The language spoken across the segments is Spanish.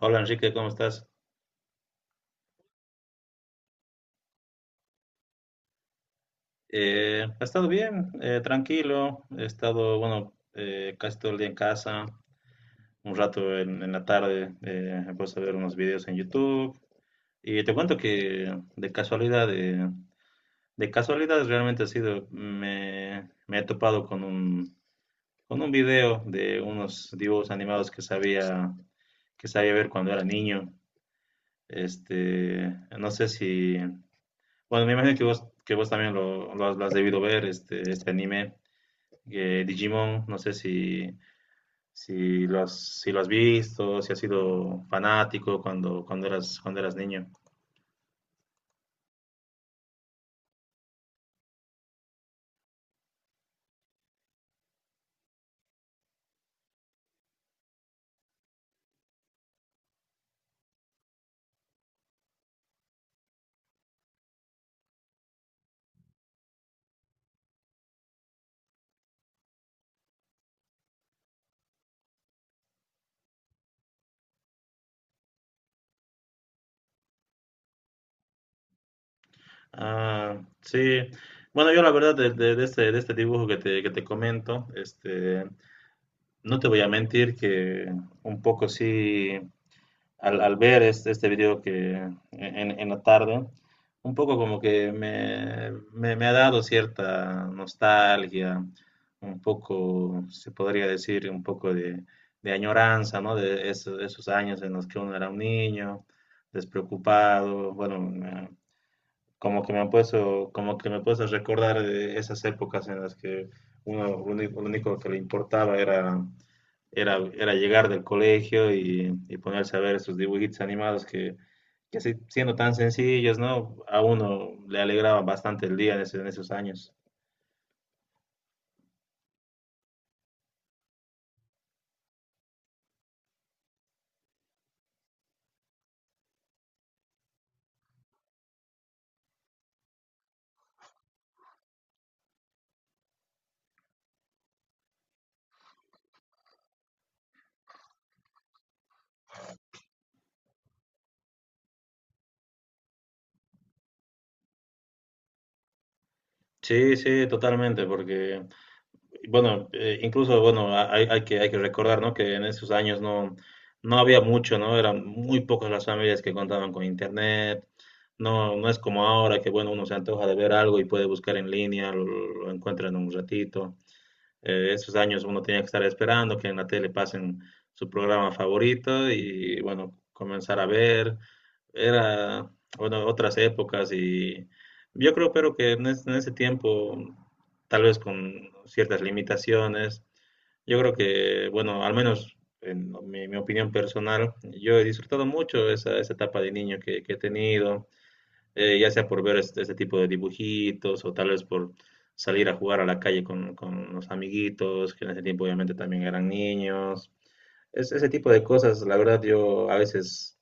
Hola Enrique, ¿cómo estás? He estado bien, tranquilo, he estado, bueno, casi todo el día en casa, un rato en la tarde, he puesto a ver unos videos en YouTube y te cuento que de casualidad realmente ha sido, me he topado con con un video de unos dibujos animados que sabía ver cuando era niño. Este, no sé si, bueno, me imagino que que vos también lo has debido ver, este anime, Digimon, no sé si, si lo has, si lo has visto, si has sido fanático cuando, cuando eras niño. Ah, sí. Bueno, yo la verdad de este dibujo que te comento, este, no te voy a mentir que un poco sí, al ver este, este video en la tarde, un poco como que me ha dado cierta nostalgia, un poco, se podría decir, un poco de añoranza, ¿no? De esos, esos años en los que uno era un niño, despreocupado, bueno, como que me ha puesto, como que me puedes recordar esas épocas en las que uno lo único que le importaba era, era llegar del colegio y ponerse a ver esos dibujitos animados que así, siendo tan sencillos, ¿no? A uno le alegraba bastante el día en esos años. Sí, sí, totalmente, porque bueno, incluso, bueno, a- hay, hay que recordar, ¿no? Que en esos años no, no había mucho, ¿no? Eran muy pocas las familias que contaban con internet. No, no es como ahora que, bueno, uno se antoja de ver algo y puede buscar en línea, lo encuentra en un ratito. Esos años uno tenía que estar esperando que en la tele pasen su programa favorito y, bueno, comenzar a ver era, bueno, otras épocas y yo creo, pero en ese tiempo, tal vez con ciertas limitaciones, yo creo que, bueno, al menos en mi opinión personal, yo he disfrutado mucho esa, esa etapa de niño que he tenido, ya sea por ver este, este tipo de dibujitos o tal vez por salir a jugar a la calle con los amiguitos, que en ese tiempo obviamente también eran niños. Es, ese tipo de cosas, la verdad, yo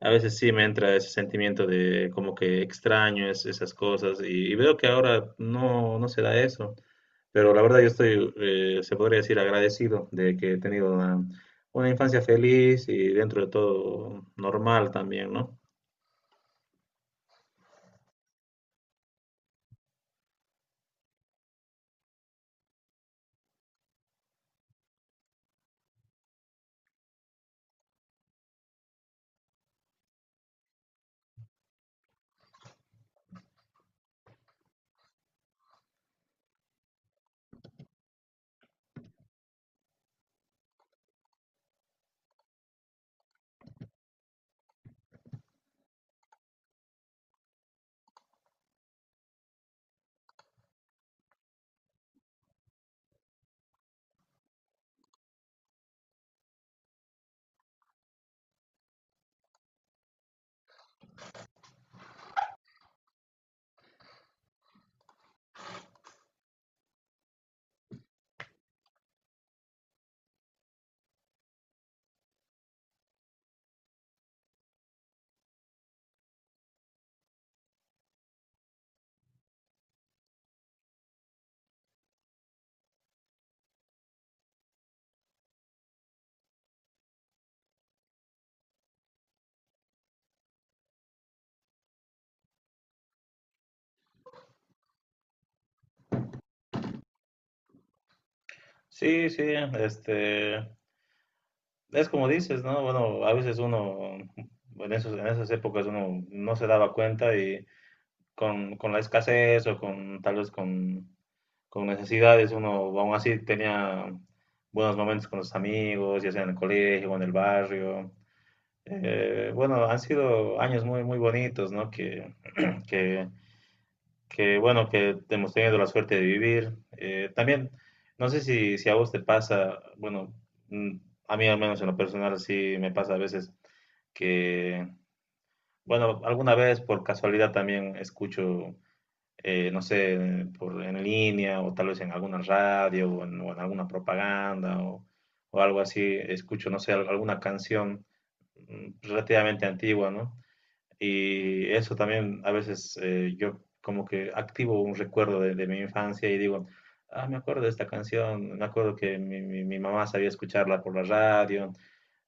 a veces sí me entra ese sentimiento de como que extraño esas cosas y veo que ahora no, no se da eso. Pero la verdad yo estoy, se podría decir, agradecido de que he tenido una infancia feliz y dentro de todo normal también, ¿no? Sí, sí, este, es como dices, ¿no? Bueno, a veces uno, en esos, en esas épocas uno no se daba cuenta y con la escasez o con tal vez con necesidades, uno aún así tenía buenos momentos con los amigos, ya sea en el colegio o en el barrio. Bueno, han sido años muy, muy bonitos, ¿no? Que, que, bueno, que hemos tenido la suerte de vivir. También, no sé si, si a vos te pasa, bueno, mm, a mí al menos en lo personal sí me pasa a veces que, bueno, alguna vez por casualidad también escucho no sé, por, en línea o tal vez en alguna radio o en alguna propaganda o algo así, escucho, no sé, al- alguna canción mm, relativamente antigua, ¿no? Y eso también a veces yo como que activo un recuerdo de mi infancia y digo, ah, me acuerdo de esta canción, me acuerdo que mi mamá sabía escucharla por la radio.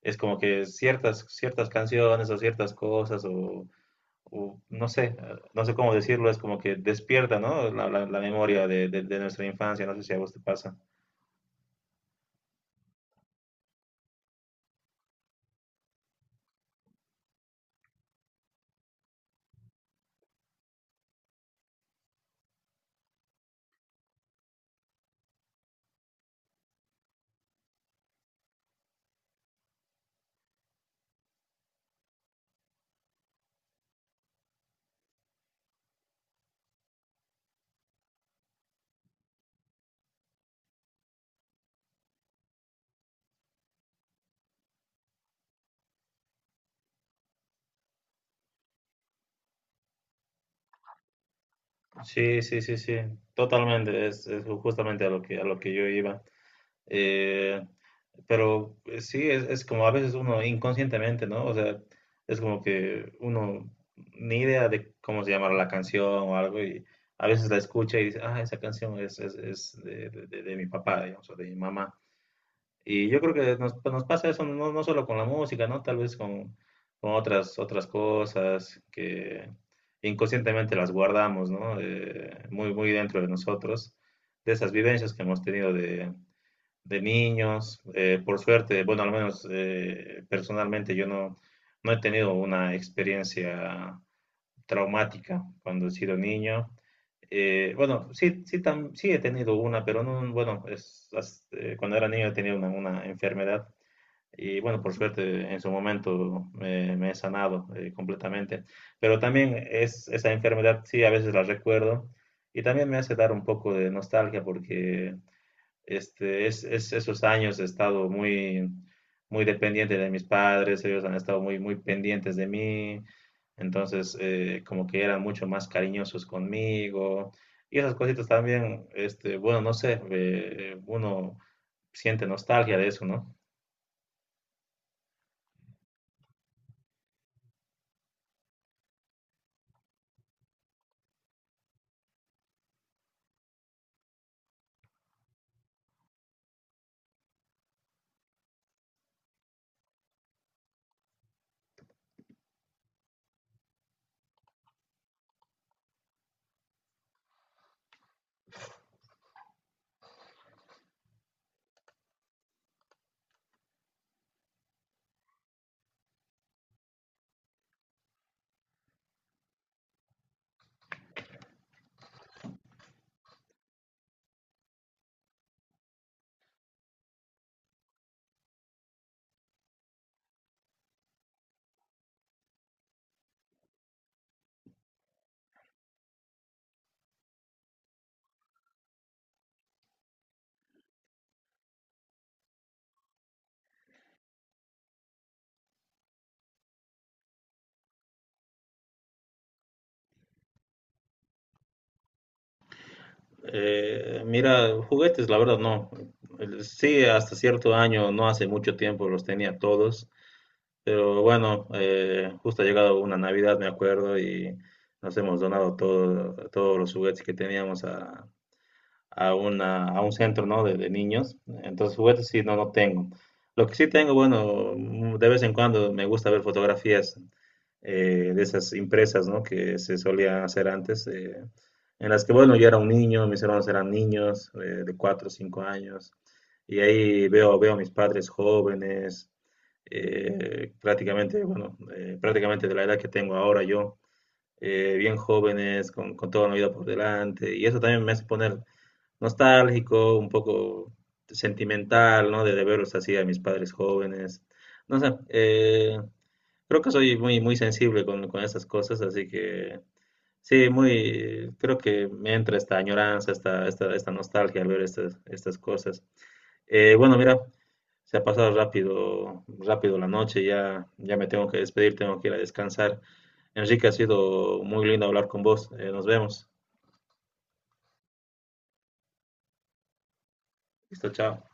Es como que ciertas, ciertas canciones o ciertas cosas o, u- no sé, no sé cómo decirlo, es como que despierta, ¿no? La, la memoria de, de nuestra infancia, no sé si a vos te pasa. Sí, sí, sí, sí, totalmente, es justamente a lo que yo iba. Eh, pero sí, es como a veces uno inconscientemente, ¿no? O sea, es como que uno ni idea de cómo se llama la canción o algo y a veces la escucha y dice, ah, esa canción es de, de mi papá, digamos, o de mi mamá. Y yo creo que nos, pues, nos pasa eso no, no solo con la música, ¿no? Tal vez con otras, otras cosas que inconscientemente las guardamos, ¿no? Muy, muy dentro de nosotros, de esas vivencias que hemos tenido de niños. Por suerte, bueno, al menos personalmente yo no, no he tenido una experiencia traumática cuando he sido niño. Bueno, sí, sí, tam- sí he tenido una, pero no, bueno, es, as- cuando era niño tenía una enfermedad y bueno, por suerte en su momento me he sanado completamente. Pero también es, esa enfermedad, sí, a veces la recuerdo. Y también me hace dar un poco de nostalgia porque este, es, esos años he estado muy, muy dependiente de mis padres, ellos han estado muy, muy pendientes de mí. Entonces, como que eran mucho más cariñosos conmigo. Y esas cositas también, este, bueno, no sé, uno siente nostalgia de eso, ¿no? Mira, juguetes, la verdad no. El- Sí, hasta cierto año, no hace mucho tiempo los tenía todos, pero bueno, justo ha llegado una Navidad, me acuerdo, y nos hemos donado todos los juguetes que teníamos a, una, a un centro, ¿no? De niños. Entonces, juguetes sí, no, no tengo. Lo que sí tengo, bueno, mm, de vez en cuando me gusta ver fotografías de esas impresas, ¿no? Que se solían hacer antes, en las que, bueno, yo era un niño, mis hermanos eran niños de 4 o 5 años, y ahí veo, veo a mis padres jóvenes, prácticamente, bueno, prácticamente de la edad que tengo ahora yo, bien jóvenes, con toda la vida por delante, y eso también me hace poner nostálgico, un poco sentimental, ¿no? De verlos así a mis padres jóvenes. No sé, creo que soy muy, muy sensible con esas cosas, así que sí, muy, creo que me entra esta añoranza, esta nostalgia al ver estas, estas cosas. Bueno, mira, se ha pasado rápido, rápido la noche, ya, ya me tengo que despedir, tengo que ir a descansar. Enrique, ha sido muy lindo hablar con vos. Nos vemos. Listo, chao.